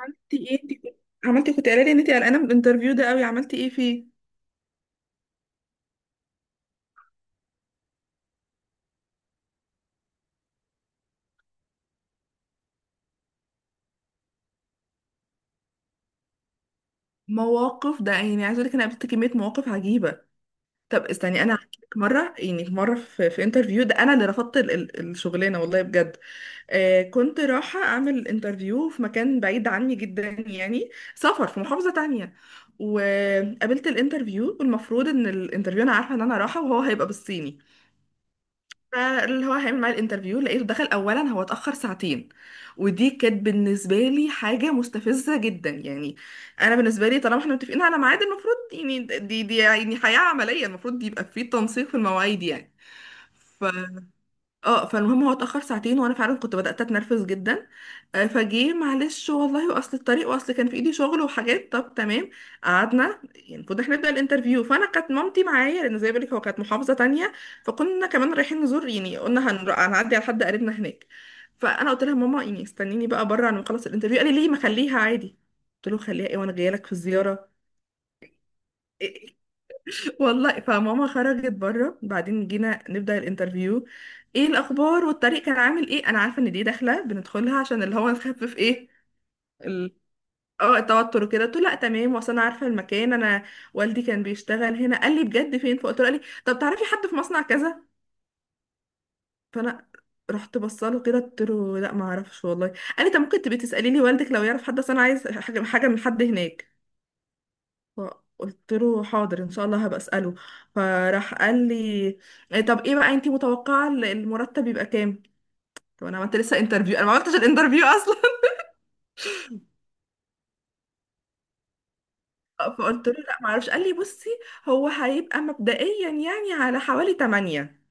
عملتي ايه انت كنت عملتي كنت قايله لي ان انت قلقانه من الانترفيو ده قوي، عملتي ايه فيه مواقف ده؟ عايزه اقول لك انا قابلت كميه مواقف عجيبه. طب استني، انا هحكي لك مره، في انترفيو ده انا اللي رفضت الشغلانه والله بجد. آه، كنت رايحه اعمل انترفيو في مكان بعيد عني جدا، سفر في محافظه تانية. وقابلت الانترفيو، والمفروض ان الانترفيو انا عارفه ان انا رايحه وهو هيبقى بالصيني. فاللي هو هيعمل معايا الانترفيو لقيته دخل اولا، هو اتاخر ساعتين. ودي كانت بالنسبه لي حاجه مستفزه جدا، انا بالنسبه لي طالما احنا متفقين على ميعاد المفروض، يعني دي دي يعني حياه عمليه المفروض يبقى في تنسيق في المواعيد ف اه فالمهم، هو اتاخر ساعتين وانا فعلا كنت بدات اتنرفز جدا. فجه معلش والله، واصل الطريق، واصل كان في ايدي شغل وحاجات، طب تمام. قعدنا، يعني المفروض احنا نبدا الانترفيو، فانا كانت مامتي معايا لان زي ما بقولك هو كانت محافظه تانية، فكنا كمان رايحين نزور، يعني قلنا هنعدي على حد قريبنا هناك. فانا قلت لها: ماما، استنيني بقى بره على ما اخلص الانترفيو. قال لي: ليه؟ ما خليها عادي. قلت له: خليها ايه وانا جايه لك في الزياره. والله. فماما خرجت بره، بعدين جينا نبدا الانترفيو. ايه الاخبار والطريق كان عامل ايه؟ انا عارفه ان دي داخله بندخلها عشان اللي هو نخفف ايه. اه، التوتر وكده. قلت له: لا تمام، واصل، انا عارفه المكان، انا والدي كان بيشتغل هنا. قال لي: بجد؟ فين؟ فقلت له. قال لي: طب تعرفي حد في مصنع كذا؟ فانا رحت بصله كده، قلت له: لا ما اعرفش والله. قال لي: طب ممكن تبقي تسالي لي والدك لو يعرف حد، اصل انا عايز حاجه من حد هناك. فقلت له: حاضر ان شاء الله هبقى اساله. فراح قال لي: طب ايه بقى انت متوقعه المرتب يبقى كام؟ طب انا عملت لسه انترفيو؟ انا ما عملتش الانترفيو اصلا. فقلت له: لا ما اعرفش. قال لي: بصي، هو هيبقى مبدئيا يعني على حوالي 8،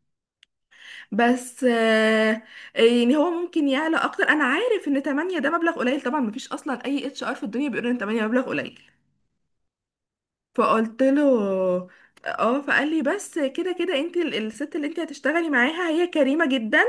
بس يعني هو ممكن يعلى اكتر، انا عارف ان 8 ده مبلغ قليل، طبعا مفيش اصلا اي اتش ار في الدنيا بيقول ان 8 مبلغ قليل. فقلت له اه. فقال لي: بس كده كده انت الست اللي انت هتشتغلي معاها هي كريمة جدا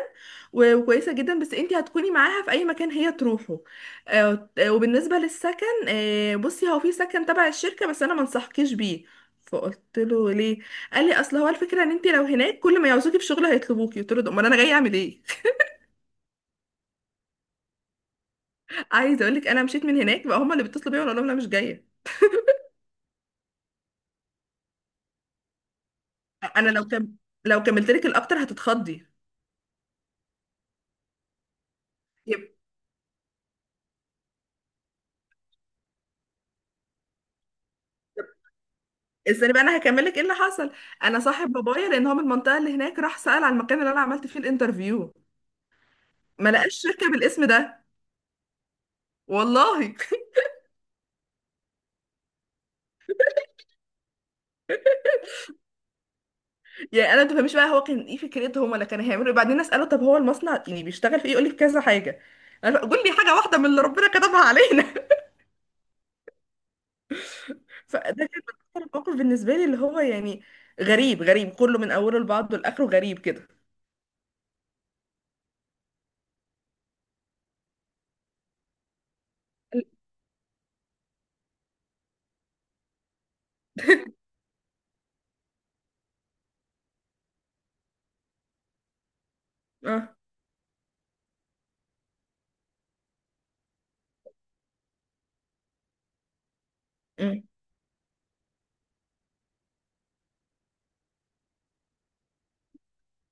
وكويسة جدا، بس انت هتكوني معاها في اي مكان هي تروحه. وبالنسبة للسكن، بصي هو في سكن تبع الشركة بس انا ما انصحكيش بيه. فقلت له: ليه؟ قال لي: اصل هو الفكره ان انت لو هناك كل ما يعوزوكي في شغل هيطلبوكي. قلت له: ده امال انا جاي اعمل ايه؟ عايزه اقول لك، انا مشيت من هناك بقى هما اللي بيتصلوا بيا وانا اقول لهم انا مش جايه. انا لو كم لو كملت لك الاكتر هتتخضي. يب- استني بقى انا هكمل لك ايه اللي حصل. انا صاحب بابايا، لان هو من المنطقه اللي هناك، راح سال على المكان اللي انا عملت فيه الانترفيو، ما لقاش شركه بالاسم ده. والله. يعني انا ما تفهميش بقى هو كان ايه فكرتهم ولا كان هيعملوا ايه. بعدين اساله: طب هو المصنع يعني بيشتغل في ايه؟ يقول لي: في كذا حاجه. انا قول لي حاجه واحده من اللي ربنا كتبها علينا. فده كان أكتر موقف بالنسبه لي، اللي هو يعني غريب، غريب كله من اوله لبعضه لاخره، غريب كده. اه. مم.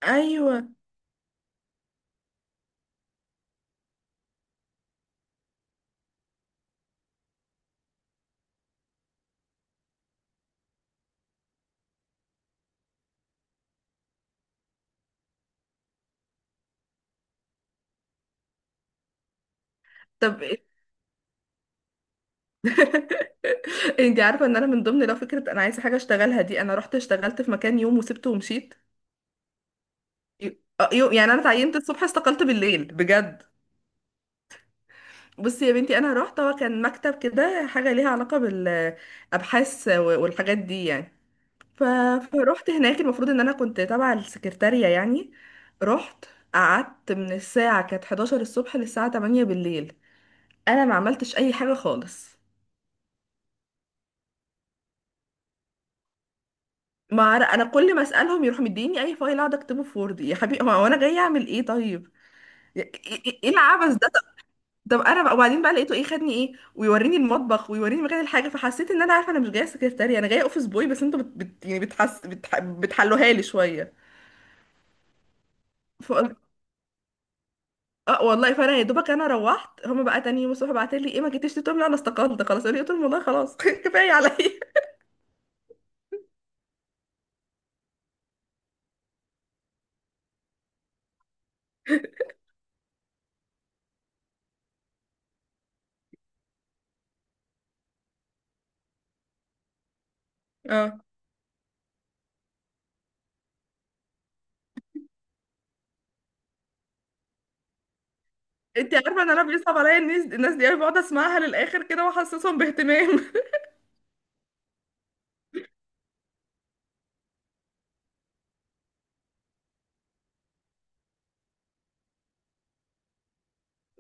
ايوه. طب إيه؟ انت عارفه ان انا من ضمن لو فكره انا عايزه حاجه اشتغلها دي، انا رحت اشتغلت في مكان يوم وسبته ومشيت. يوم، يعني انا اتعينت الصبح استقلت بالليل بجد. بصي يا بنتي، انا رحت، هو كان مكتب كده حاجه ليها علاقه بالابحاث والحاجات دي يعني. ف... فروحت هناك، المفروض ان انا كنت تبع السكرتاريه يعني. رحت، قعدت من الساعه كانت 11 الصبح للساعه 8 بالليل، انا ما عملتش اي حاجه خالص. ما عر- انا كل ما اسالهم يروحوا مديني اي فايل اقعد اكتبه في وورد. يا حبيبي هو انا جاي اعمل ايه؟ طيب ايه إيه العبث ده؟ طب طب انا بقى، وبعدين بقى لقيته ايه خدني ايه ويوريني المطبخ ويوريني مكان الحاجه. فحسيت ان انا عارفه انا مش جايه سكرتاريه، انا جايه اوفيس بوي، بس انتوا بت... بت... يعني بتحس بتح... بتحلوها لي شويه. فقلت اه والله. فانا يا دوبك، انا روحت، هما بقى تاني يوم الصبح بعتوا لي: ايه، ما جيتيش؟ قلت لهم: لا انا استقلت خلاص. قالوا لي، قلت لهم: والله خلاص. كفايه عليا. اه. انت عارفه ان انا بيصعب عليا الناس، الناس دي انا بقعد اسمعها للاخر كده واحسسهم باهتمام.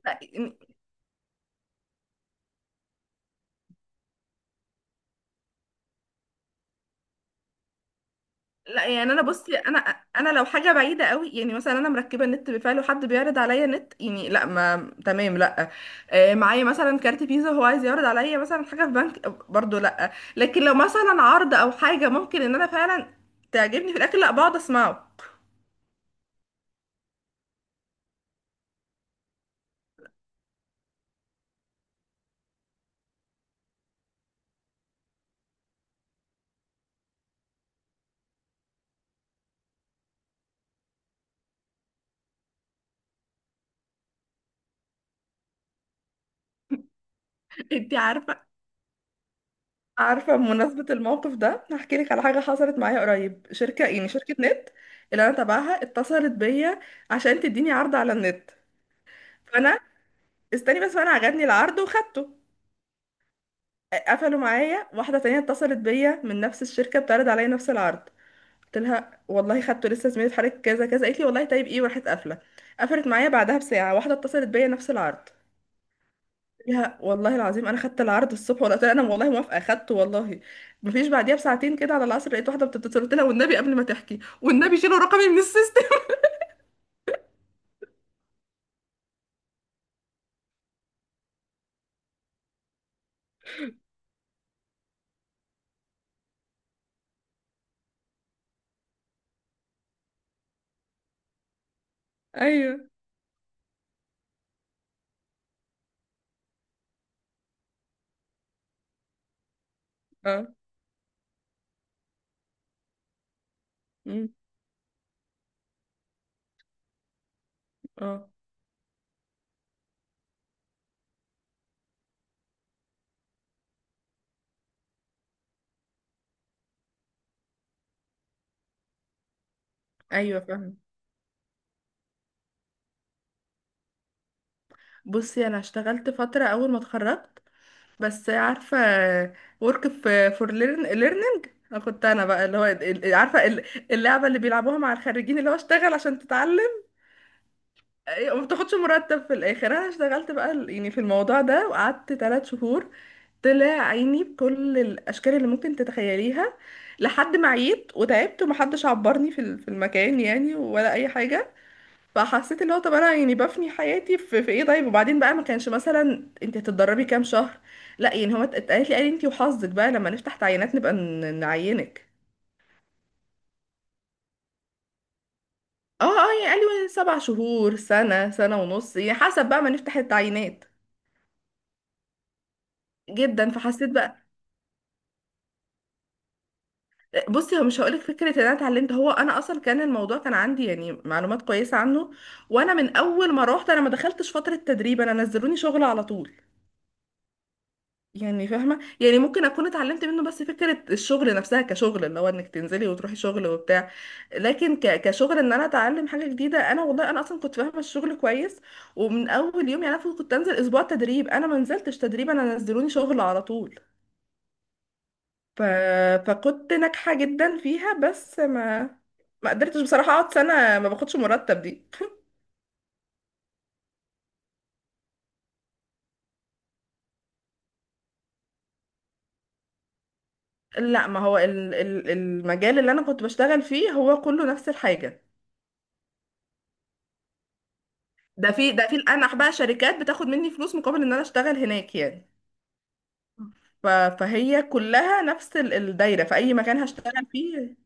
لا يعني انا بصي، انا انا لو حاجه بعيده قوي، يعني مثلا انا مركبه النت بفعل وحد بيعرض عليا نت، يعني لا، ما تمام، لا. معايا مثلا كارت فيزا هو عايز يعرض عليا مثلا حاجه في بنك برضو، لا. لكن لو مثلا عرض او حاجه ممكن ان انا فعلا تعجبني في الاكل، لا بقعد اسمعه. انتي عارفه؟ عارفه، بمناسبه الموقف ده هحكي لك على حاجه حصلت معايا قريب. شركه، يعني شركه نت اللي انا تبعها، اتصلت بيا عشان تديني عرض على النت. فانا استني بس، فانا عجبني العرض وخدته. قفلوا معايا، واحدة تانية اتصلت بيا من نفس الشركة بتعرض عليا نفس العرض. قلت لها: والله خدته لسه، زميلي في حضرتك كذا كذا. قالت لي: والله طيب ايه، وراحت قافلة. قفلت معايا، بعدها بساعة واحدة اتصلت بيا نفس العرض. قلت لها: والله العظيم انا خدت العرض الصبح، ولا قلت لها انا والله موافقة خدته والله. مفيش، بعديها بساعتين كده على العصر لقيت واحدة بتتصل. قلت لها: والنبي قبل ما تحكي والنبي شيلوا رقمي من السيستم. ايوه. اه. أمم، اه. ايوه فاهمة. بصي انا اشتغلت فترة اول ما اتخرجت، بس عارفة، work f- for learn- learning. أنا كنت، أنا بقى اللي هو عارفة اللعبة اللي بيلعبوها مع الخريجين اللي هو اشتغل عشان تتعلم. وما بتاخدش مرتب في الآخر. أنا اشتغلت بقى في الموضوع ده، وقعدت ثلاث شهور، طلع عيني بكل الأشكال اللي ممكن تتخيليها. لحد ما عيت وتعبت، ومحدش عبرني في المكان، يعني ولا أي حاجة. فحسيت اللي هو طب انا يعني بفني حياتي في ايه؟ طيب، وبعدين بقى ما كانش مثلا انت هتتدربي كام شهر؟ لا، يعني هو اتقالت لي قال لي: انت وحظك بقى، لما نفتح تعيينات نبقى نعينك. اه اه، يعني قال لي: سبع شهور، سنة، سنة ونص، يعني حسب بقى ما نفتح التعيينات. جدا. فحسيت بقى، بصي هو مش هقولك فكرة ان انا اتعلمت، هو انا اصلا كان الموضوع كان عندي يعني معلومات كويسة عنه. وانا من اول ما روحت انا ما دخلتش فترة تدريب، انا نزلوني شغل على طول. يعني فاهمة، يعني ممكن أكون اتعلمت منه، بس فكرة الشغل نفسها كشغل اللي هو إنك تنزلي وتروحي شغل وبتاع. لكن كشغل إن أنا أتعلم حاجة جديدة، أنا والله أنا أصلا كنت فاهمة الشغل كويس. ومن أول يوم، يعني أنا كنت أنزل أسبوع تدريب، أنا ما نزلتش تدريب، أنا نزلوني شغل على طول. ف... فكنت ناجحة جدا فيها، بس ما ما قدرتش بصراحة أقعد سنة ما باخدش مرتب دي. لا، ما هو المجال اللي أنا كنت بشتغل فيه هو كله نفس الحاجة. ده في، ده في الانح بقى شركات بتاخد مني فلوس مقابل ان انا اشتغل هناك يعني. ف... فهي كلها نفس الدايره في اي مكان هشتغل فيه.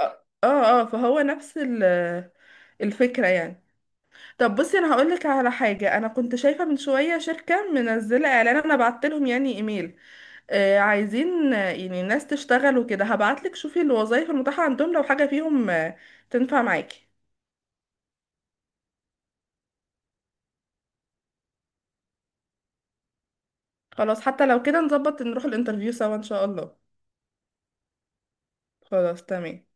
اه اه، فهو نفس ال... الفكره يعني. طب بصي انا هقول لك على حاجه، انا كنت شايفه من شويه شركه منزله اعلان، انا بعت لهم يعني ايميل. آه عايزين، يعني ناس تشتغل وكده. هبعت لك شوفي الوظايف المتاحه عندهم، لو حاجه فيهم تنفع معاكي. خلاص، حتى لو كده نظبط نروح الانترفيو سوا ان شاء الله. خلاص تمام.